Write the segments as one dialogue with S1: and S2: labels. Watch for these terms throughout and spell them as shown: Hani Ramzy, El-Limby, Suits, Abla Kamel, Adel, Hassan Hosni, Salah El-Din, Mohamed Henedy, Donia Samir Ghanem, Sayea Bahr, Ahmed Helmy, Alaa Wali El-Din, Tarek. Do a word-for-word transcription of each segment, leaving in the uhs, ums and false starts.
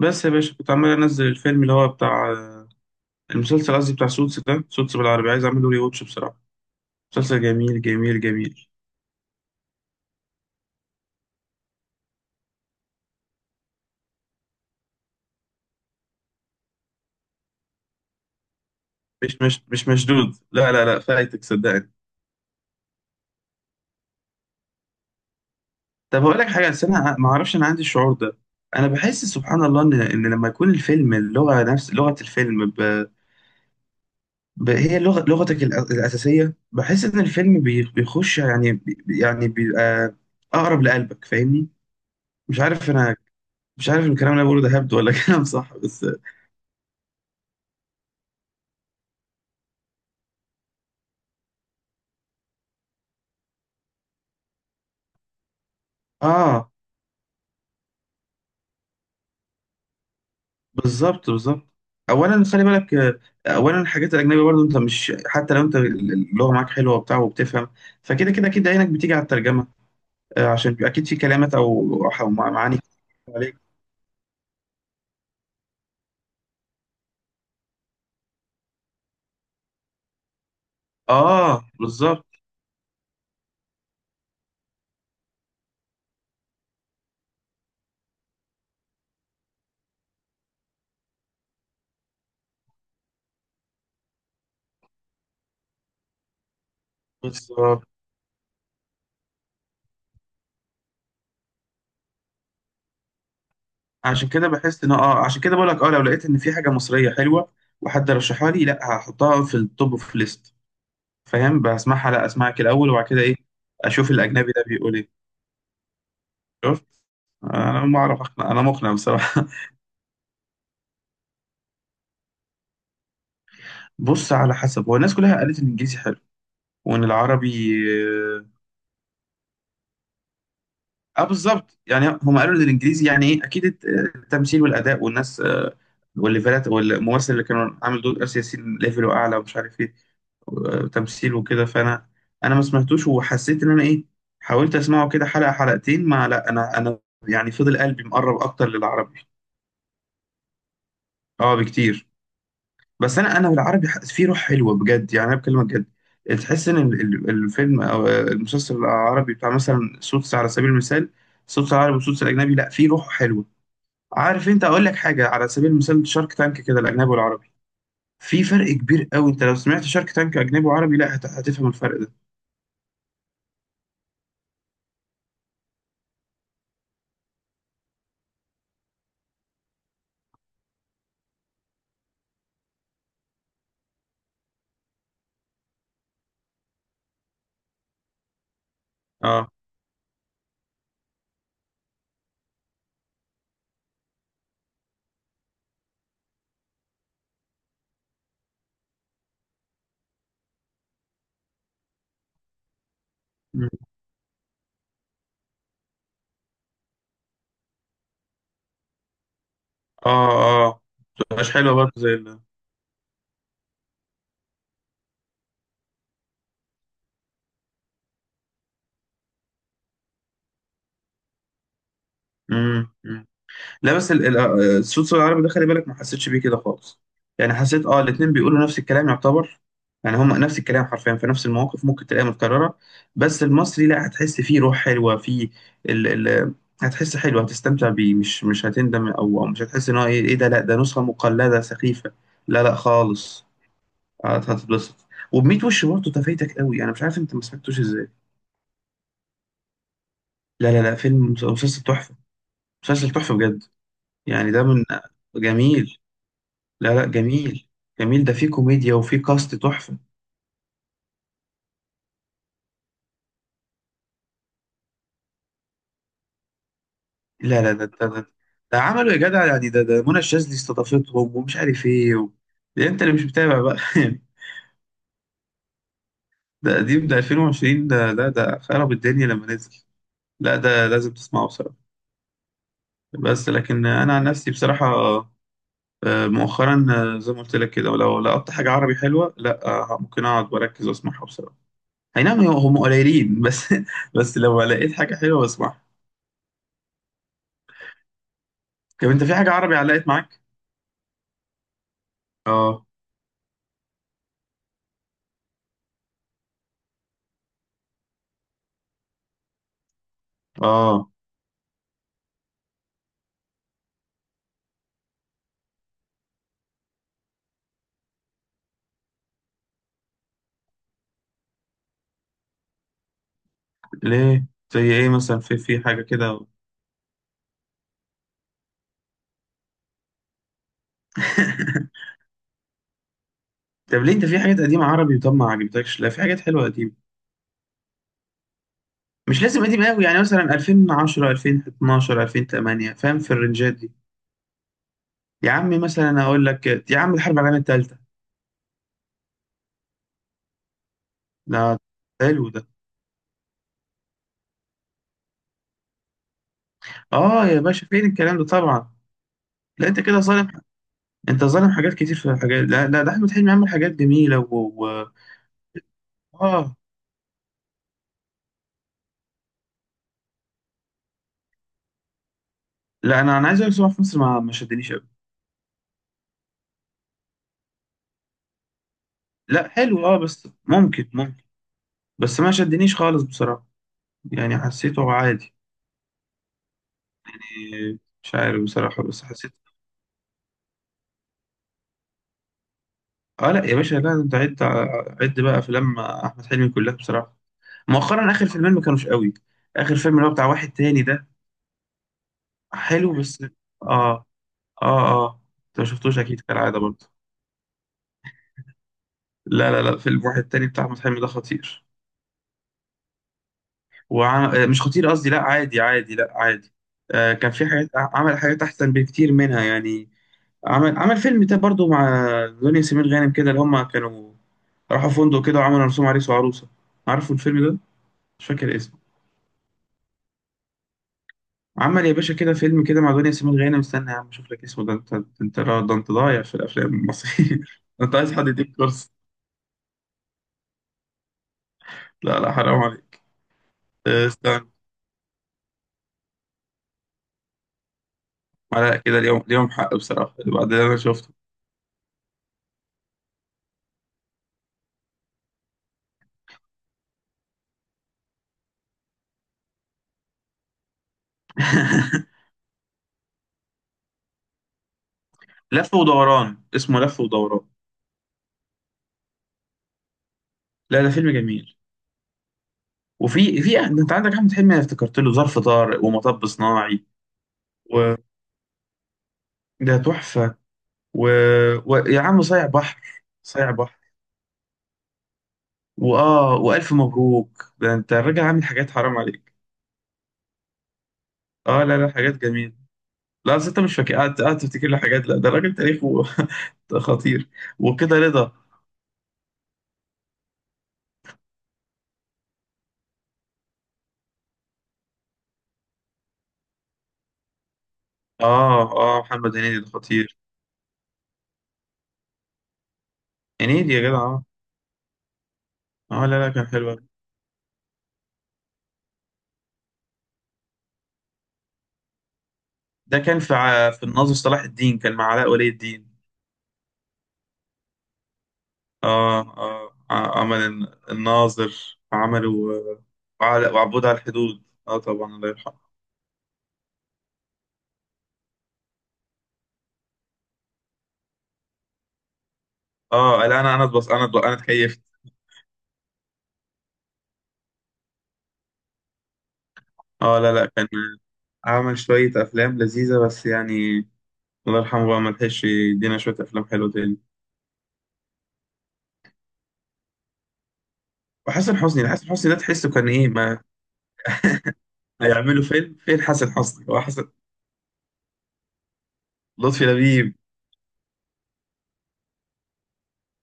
S1: بس يا باشا، كنت عمال انزل الفيلم اللي هو بتاع المسلسل. قصدي بتاع سوتس، ده سوتس بالعربي عايز اعمله ري واتش بصراحه. مسلسل جميل جميل جميل. مش مش مش مشدود، لا، لا، لا، فايتك صدقني. طب اقول لك حاجه، بس انا ما اعرفش، انا عندي الشعور ده. انا بحس سبحان الله ان ان لما يكون الفيلم اللغه نفس لغه الفيلم ب... ب... هي لغه لغتك الأ- الاساسيه. بحس ان الفيلم بي... بيخش، يعني بي... يعني بيبقى اقرب لقلبك، فاهمني. مش عارف انا. مش عارف إن الكلام اللي انا بقوله ده هبد ولا كلام صح بس. اه بالظبط بالظبط. اولا خلي بالك، آه، اولا الحاجات الاجنبيه برضو، انت مش حتى لو انت اللغه معاك حلوه وبتاع وبتفهم، فكده كده كده عينك بتيجي على الترجمه. آه، عشان بيبقى اكيد في كلمات او أو مع- معاني كتير عليك. اه بالظبط بالظبط. عشان كده بحس ان اه عشان كده بقول لك اه لو لقيت ان في حاجه مصريه حلوه وحد رشحها لي، لا، هحطها في التوب اوف ليست، فاهم. بسمعها، لا اسمعك الاول وبعد كده ايه اشوف الاجنبي ده بيقول ايه. شفت، انا ما اعرف اقنع، انا مقنع بصراحه. بص، على حسب، هو الناس كلها قالت ان الانجليزي حلو وان العربي، اه. آه، بالظبط، يعني هم قالوا ان الانجليزي يعني ايه اكيد، الت- التمثيل والاداء والناس، آه، والليفلات والممثل اللي كانوا عامل دور اسيا ياسين ليفله اعلى، ومش عارف ايه، آه، تمثيل وكده. فانا انا ما سمعتوش، وحسيت ان انا ايه، حاولت اسمعه كده حلقه حلقتين، ما، لا، انا انا يعني فضل قلبي مقرب اكتر للعربي، اه بكتير. بس انا انا بالعربي ح- في روح حلوه بجد، يعني انا بكلمك جد. تحس ان ال- ال- الفيلم او المسلسل العربي بتاع مثلا سوتس، على سبيل المثال سوتس العربي وسوتس الاجنبي، لا، في روح حلوه. عارف، انت اقول لك حاجه على سبيل المثال، شارك تانك كده الاجنبي والعربي، في فرق كبير قوي. انت لو سمعت شارك تانك اجنبي وعربي، لا، هت- هتفهم الفرق ده. اه. مم. اه اه مش حلوه برضه زي ال- مم. مم. لا، بس ال- ال- آه، الصوت، صوت العربي ده خلي بالك ما حسيتش بيه كده خالص. يعني حسيت، اه الاتنين بيقولوا نفس الكلام يعتبر، يعني هما نفس الكلام حرفيا، في نفس المواقف ممكن تلاقيها متكررة. بس المصري لا، هتحس فيه روح حلوة فيه ال ال هتحس حلو، هتستمتع بيه، مش مش هتندم او أو مش هتحس ان هو ايه، إيه ده، لا ده نسخة مقلدة سخيفة، لا، لا، خالص. هت- هتتبسط، وبميت وش برضه تفايتك قوي. انا مش عارف انت ما سمعتوش ازاي. لا، لا، لا، فيلم مسلسل تحفة، مسلسل تحفة بجد. يعني ده من، جميل، لا، لا، جميل جميل. ده فيه كوميديا وفيه كاست تحفة. لا، لا، ده ده ده, ده عملوا يا جدع، يعني ده ده منى الشاذلي استضافتهم، ومش عارف ايه و... ده انت اللي مش متابع بقى ده قديم، ده ألفين وعشرين، ده ده ده خرب الدنيا لما نزل. لا ده لازم تسمعه بصراحة، بس لكن انا عن نفسي بصراحة، آه، مؤخرا، آه، زي ما قلت لك كده، ولو لقطت حاجة عربي حلوة، لا، آه، ممكن اقعد واركز واسمعها بصراحة. اي نعم، هم هم قليلين بس بس لو لقيت حاجة حلوة بسمعها. طب انت في حاجة عربي علقت معاك؟ اه، اه. ليه، زي ايه مثلا، في في حاجه كده طب ليه انت في حاجات قديمه عربي، طب ما عجبتكش. لا، في حاجات حلوه قديمه، مش لازم قديم قوي، يعني مثلا ألفين وعشرة، ألفين واتناشر، ألفين وتمنية، فاهم في الرنجات دي. يا عمي مثلا اقول لك، يا عم الحرب العالميه الثالثه، ده حلو ده. اه يا باشا فين الكلام ده طبعا. لا انت كده ظالم، انت ظالم حاجات كتير في الحاجات، لا، لا ده احمد حلمي عمل حاجات جميله و... و... اه، لا، انا انا عايز اقول لك صراحة، في مصر ما ما شدنيش قوي. لا حلو اه، بس ممكن ممكن، بس ما شدنيش خالص بصراحة، يعني حسيته عادي، إيه، مش عارف بصراحة، بس حسيت اه، لا يا باشا، لا انت عد. عد بقى افلام احمد حلمي كلها بصراحة. مؤخرا اخر فيلمين ما كانوش قوي. اخر فيلم اللي هو بتاع واحد تاني ده حلو بس، اه، اه، اه. انت ما شفتوش اكيد كالعادة برضه. لا، لا، لا، فيلم واحد تاني بتاع احمد حلمي ده خطير، وعم... آه، مش خطير قصدي، لا عادي عادي، لا عادي. آه كان في حاجات عمل حاجات احسن بكتير منها يعني. عمل عمل فيلم ده برضو مع دنيا سمير غانم كده، اللي هما كانوا راحوا فندق كده وعملوا رسوم عريس وعروسة. عارفوا الفيلم ده؟ مش فاكر اسمه. عمل يا باشا كده فيلم كده مع دنيا سمير غانم، استنى يا عم اشوف لك اسمه. ده انت، انت ده انت ضايع في الافلام المصرية انت عايز حد يديك كورس. لا، لا، حرام عليك. أه، استنى. لا كده، اليوم اليوم حق بصراحة بعد اللي انا شفته. لف ودوران، اسمه لف ودوران. لا ده فيلم جميل. وفي في انت عندك احمد حلمي، انا افتكرت له ظرف طارق ومطب صناعي، وده تحفة و... ويا عم صايع بحر صايع بحر، واه، والف مبروك، ده انت الراجل عامل حاجات، حرام عليك. اه، لا، لا، حاجات جميله. لا أصل انت مش فاكر، قاعد قاعد تفتكر له حاجات، لا ده الراجل تاريخه خطير. وكده رضا، اه. اه محمد هنيدي ده خطير. هنيدي يا جدع، اه، اه، لا، لا، كان حلو أوي. ده كان في ع- في الناظر صلاح الدين، كان مع علاء ولي الدين. اه، اه، ع- عمل الن- الناظر، عملوا آه، وعلاء- وعبود على الحدود، اه طبعا، الله يرحمه. اه، لا، انا انا اتبص، انا اتبص، انا اتكيفت. اه، لا، لا، كان عمل شوية أفلام لذيذة بس يعني، الله يرحمه بقى، ما لحقش يدينا شوية أفلام حلوة تاني. وحسن حسني حسن حسني ده تحسه كان إيه ما. هيعملوا فيلم؟ فين حسن حسني؟ هو حسن لطفي لبيب؟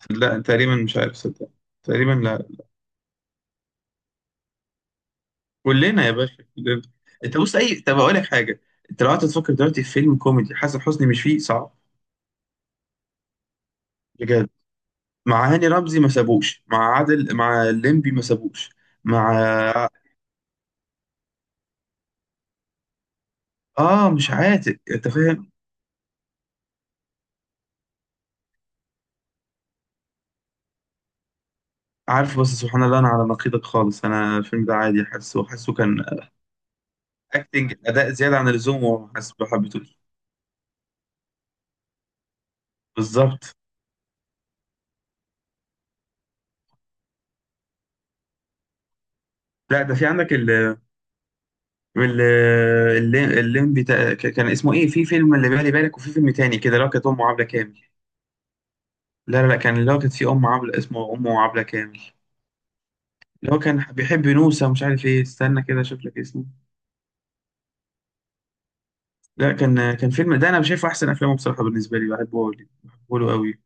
S1: لا تقريبا مش عارف، صدق، تقريبا لا. كلنا يا باشا كلنا. أنت بص، أي، طب أقول لك حاجة. أنت لو قعدت تفكر دلوقتي في فيلم كوميدي حسن حسني مش فيه، صعب بجد. مع هاني رمزي ما سابوش، مع عادل، مع الليمبي ما سابوش، مع اه مش عاتق، انت فاهم. عارف، بس سبحان الله انا على نقيضك خالص، انا الفيلم ده عادي، حاسه حاسه كان اكتنج، اداء زياده عن اللزوم، وما حاسس ما حبيتهوش. بالظبط. لا ده في عندك ال ال ال- الليمبي، تا- ك- كان اسمه ايه في فيلم اللي بالي بالك، وفي فيلم تاني كده اللي هو كانت امه عبله كامل. لا، لا، لا، كان اللي هو كانت في ام عبله اسمه امه عبله كامل، اللي هو كان بيحب نوسه مش عارف ايه. استنى كده اشوف لك اسمه. لا كان، كان فيلم ده انا شايفه احسن افلامه بصراحه بالنسبه لي، بحبه أوي. بحبه له قوي.